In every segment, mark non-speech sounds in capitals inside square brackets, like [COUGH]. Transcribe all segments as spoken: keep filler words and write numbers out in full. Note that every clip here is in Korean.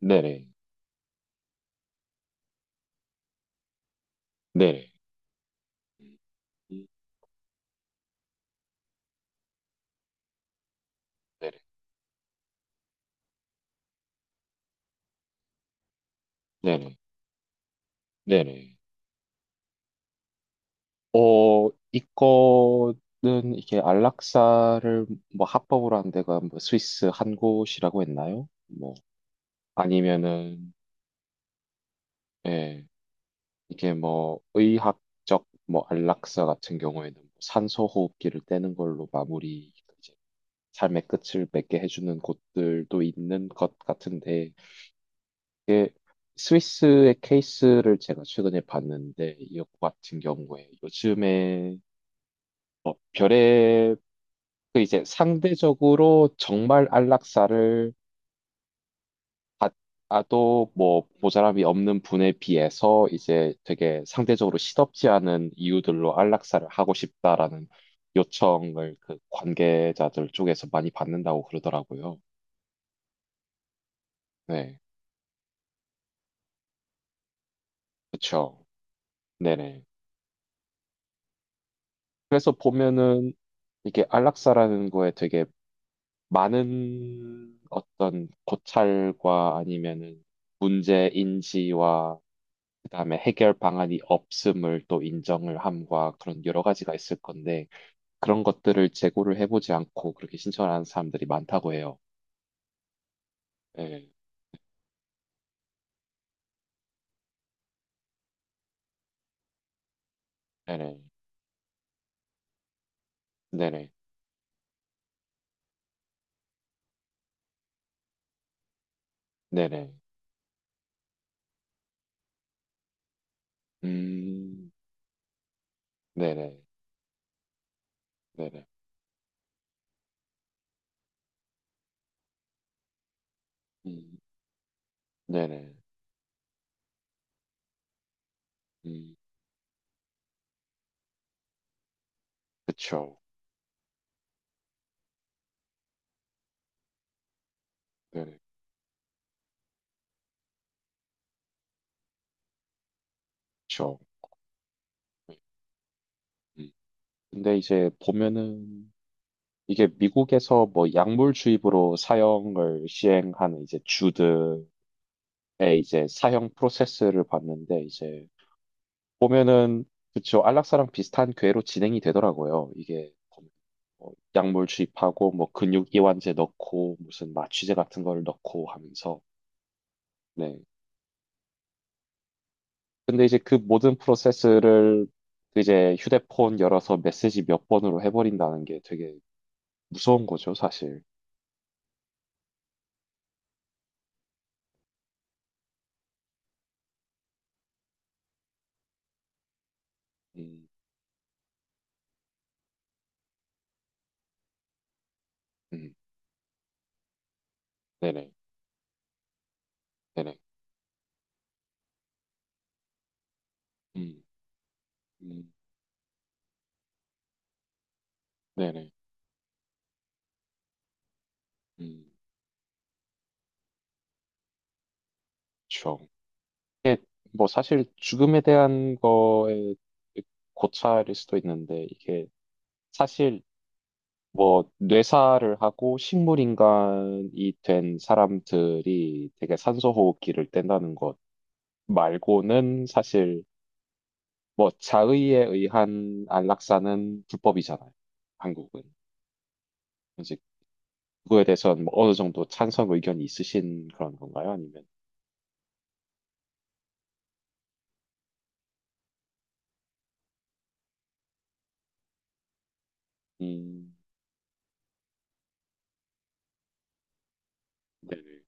네네. 네네. 네네. 네네. 네네. 어, 이거는 이게 안락사를 뭐 합법으로 한 데가 뭐 스위스 한 곳이라고 했나요? 뭐 아니면은 예. 이게 뭐 의학적 뭐 안락사 같은 경우에는 뭐 산소호흡기를 떼는 걸로 마무리 이제 삶의 끝을 맺게 해주는 곳들도 있는 것 같은데 이게 스위스의 케이스를 제가 최근에 봤는데 이거 같은 경우에 요즘에 어, 별의 그 이제 상대적으로 정말 안락사를 받아도 뭐 모자람이 없는 분에 비해서 이제 되게 상대적으로 시덥지 않은 이유들로 안락사를 하고 싶다라는 요청을 그 관계자들 쪽에서 많이 받는다고 그러더라고요. 네, 그렇죠. 네네. 그래서 보면은 이게 안락사라는 거에 되게 많은 어떤 고찰과 아니면은 문제 인지와 그다음에 해결 방안이 없음을 또 인정을 함과 그런 여러 가지가 있을 건데 그런 것들을 제고를 해보지 않고 그렇게 신청을 하는 사람들이 많다고 해요. 네, 네네, 네네, 네네, 음, 네네, 네네, 음, 네네, 음, 그쵸, 네네, 그쵸. 음. 음. 근데 이제 보면은 이게 미국에서 뭐 약물 주입으로 사형을 시행하는 이제 주들의 이제 사형 프로세스를 봤는데 이제 보면은 그쵸 안락사랑 비슷한 궤로 진행이 되더라고요. 이게 보면 뭐 약물 주입하고 뭐 근육 이완제 넣고 무슨 마취제 같은 걸 넣고 하면서 네. 근데 이제 그 모든 프로세스를 이제 휴대폰 열어서 메시지 몇 번으로 해버린다는 게 되게 무서운 거죠, 사실. 음, 음, 네네, 네네. 음, 음. 네네. 음, 그렇죠. 이게 뭐 사실 죽음에 대한 거에 고찰일 수도 있는데 이게 사실 뭐 뇌사를 하고 식물 인간이 된 사람들이 되게 산소 호흡기를 뗀다는 것 말고는 사실 뭐 자의에 의한 안락사는 불법이잖아요. 한국은. 이제 그거에 대해서는 뭐 어느 정도 찬성 의견이 있으신 그런 건가요? 아니면 음, 네네.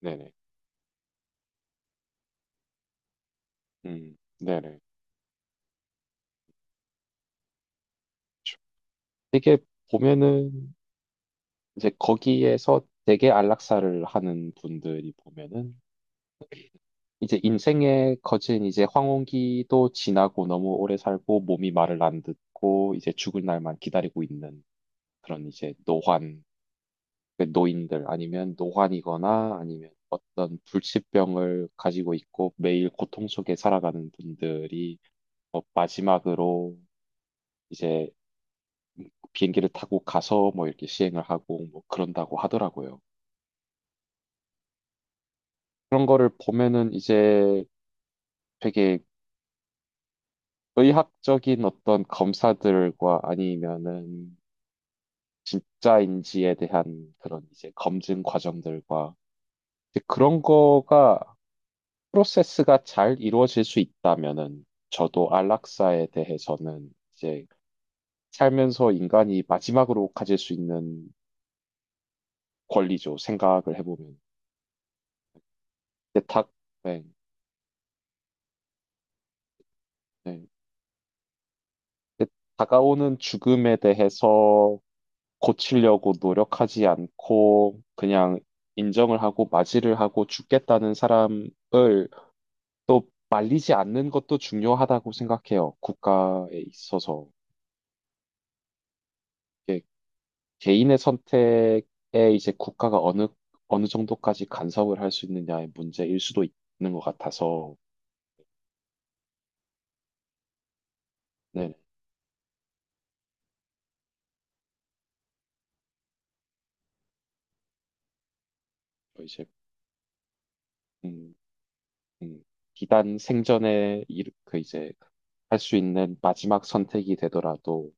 네네. 음, 네네. 되게 보면은 이제 거기에서 되게 안락사를 하는 분들이 보면은 이제 인생의 거진 이제 황혼기도 지나고 너무 오래 살고 몸이 말을 안 듣고 이제 죽을 날만 기다리고 있는 그런 이제 노환 그 노인들 아니면 노환이거나 아니면 어떤 불치병을 가지고 있고 매일 고통 속에 살아가는 분들이 뭐 마지막으로 이제 비행기를 타고 가서 뭐 이렇게 시행을 하고 뭐 그런다고 하더라고요. 그런 거를 보면은 이제 되게 의학적인 어떤 검사들과 아니면은 진짜인지에 대한 그런 이제 검증 과정들과 이제 그런 거가 프로세스가 잘 이루어질 수 있다면은 저도 안락사에 대해서는 이제 살면서 인간이 마지막으로 가질 수 있는 권리죠. 생각을 해보면. 근데 다, 네, 네. 근데 다가오는 죽음에 대해서 고치려고 노력하지 않고 그냥 인정을 하고 맞이를 하고 죽겠다는 사람을 또 말리지 않는 것도 중요하다고 생각해요. 국가에 있어서. 이게 개인의 선택에 이제 국가가 어느, 어느 정도까지 간섭을 할 수 있느냐의 문제일 수도 있는 것 같아서, 네. 뭐 이제, 음, 음, 기단 생전에 이르- 그 이제 할 수 있는 마지막 선택이 되더라도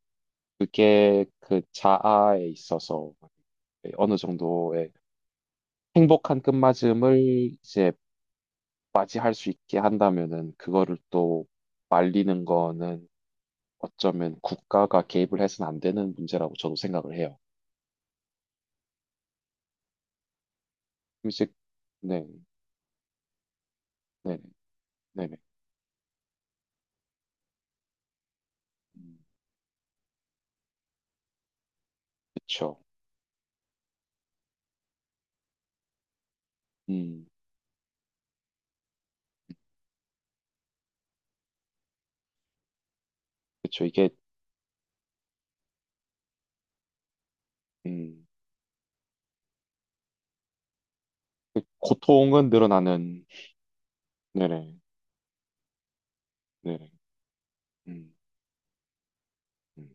그게 그 자아에 있어서 어느 정도의 행복한 끝맞음을 이제 맞이할 수 있게 한다면은 그거를 또 말리는 거는 어쩌면 국가가 개입을 해서는 안 되는 문제라고 저도 생각을 해요. 그럼 이제 네, 네, 네, 네, 음, 그렇죠. 음, 그렇죠. 이게 음, 그 고통은 늘어나는 네네, 네네. 음, 음.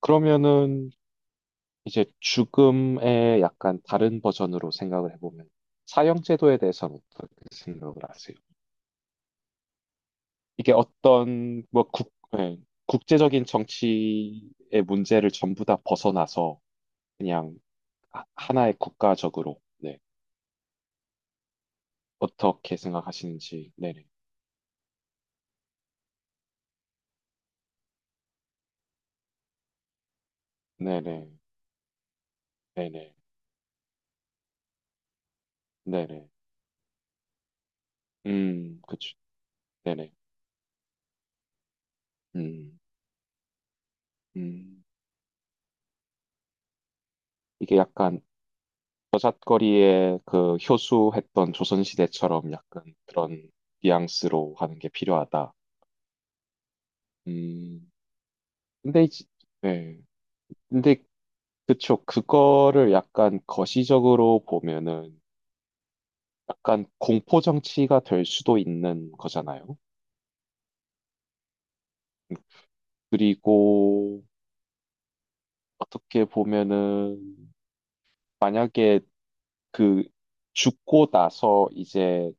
그러면은 이제 죽음의 약간 다른 버전으로 생각을 해보면 사형 제도에 대해서는 어떻게 생각을 하세요? 이게 어떤 뭐 국, 예, 국제적인 정치의 문제를 전부 다 벗어나서 그냥 하- 하나의 국가적으로 네. 어떻게 생각하시는지 네네 네네 네네 네네 음 그쵸 네네 음, 음. 이게 약간 저잣거리에 그 효수했던 조선시대처럼 약간 그런 뉘앙스로 하는 게 필요하다 음 근데 이제 네 근데 그쵸. 그거를 약간 거시적으로 보면은 약간 공포 정치가 될 수도 있는 거잖아요. 그리고 어떻게 보면은 만약에 그 죽고 나서 이제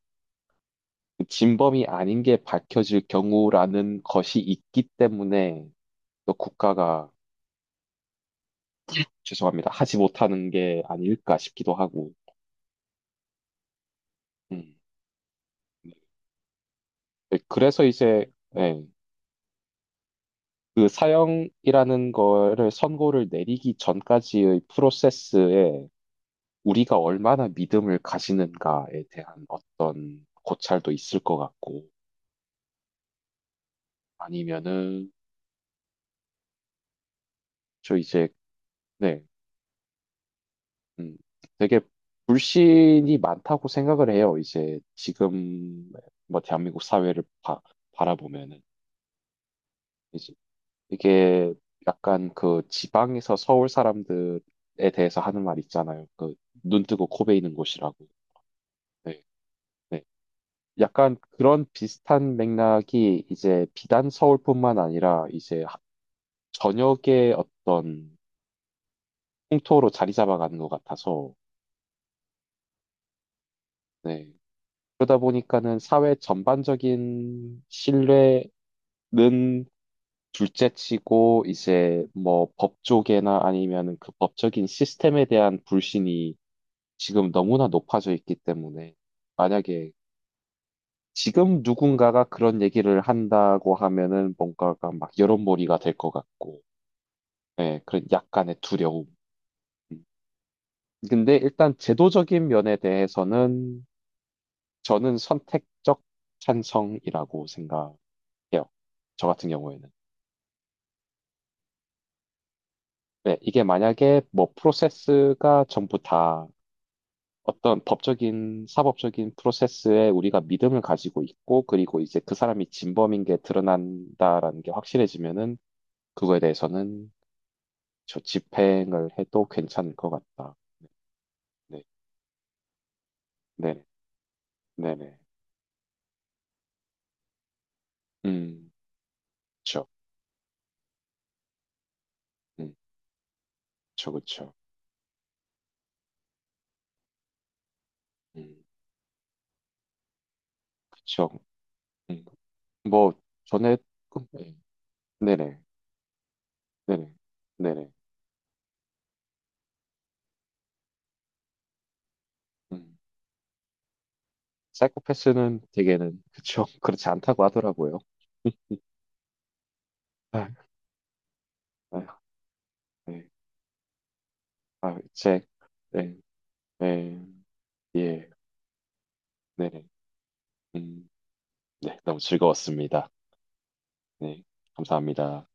그 진범이 아닌 게 밝혀질 경우라는 것이 있기 때문에 또 국가가 죄송합니다. 하지 못하는 게 아닐까 싶기도 하고. 음. 네, 그래서 이제 예. 그 사형이라는 거를 선고를 내리기 전까지의 프로세스에 우리가 얼마나 믿음을 가지는가에 대한 어떤 고찰도 있을 것 같고, 아니면은, 저 이제, 네, 음, 되게 불신이 많다고 생각을 해요. 이제 지금, 뭐, 대한민국 사회를 봐, 바라보면은. 이제 이게 약간 그 지방에서 서울 사람들에 대해서 하는 말 있잖아요. 그 눈 뜨고 코 베이는 곳이라고. 네. 네. 약간 그런 비슷한 맥락이 이제 비단 서울뿐만 아니라 이제 하- 전역의 어떤 풍토로 자리 잡아가는 것 같아서, 네. 그러다 보니까는 사회 전반적인 신뢰는 둘째치고 이제 뭐 법 쪽에나 아니면 그 법적인 시스템에 대한 불신이 지금 너무나 높아져 있기 때문에 만약에 지금 누군가가 그런 얘기를 한다고 하면은 뭔가가 막 여론몰이가 될 것 같고 네, 그런 약간의 두려움. 근데 일단 제도적인 면에 대해서는 저는 선택적 찬성이라고 생각해요. 저 같은 경우에는. 네, 이게 만약에 뭐 프로세스가 전부 다 어떤 법적인, 사법적인 프로세스에 우리가 믿음을 가지고 있고, 그리고 이제 그 사람이 진범인 게 드러난다라는 게 확실해지면은 그거에 대해서는 저 집행을 해도 괜찮을 것 같다. 네, 네, 네, 네. 네. 음, 그렇죠. 그쵸, 그쵸. 음, 그쵸. 음, 뭐, 전에, 그- 네. 네네, 네네, 네네. 음, 사이코패스는 되게는, 그쵸. [LAUGHS] 그렇지 않다고 하더라고요. 아, 아, 네. 아, 제, 네, 네, 예, 네네. 음, 네, 너무 즐거웠습니다. 네, 감사합니다.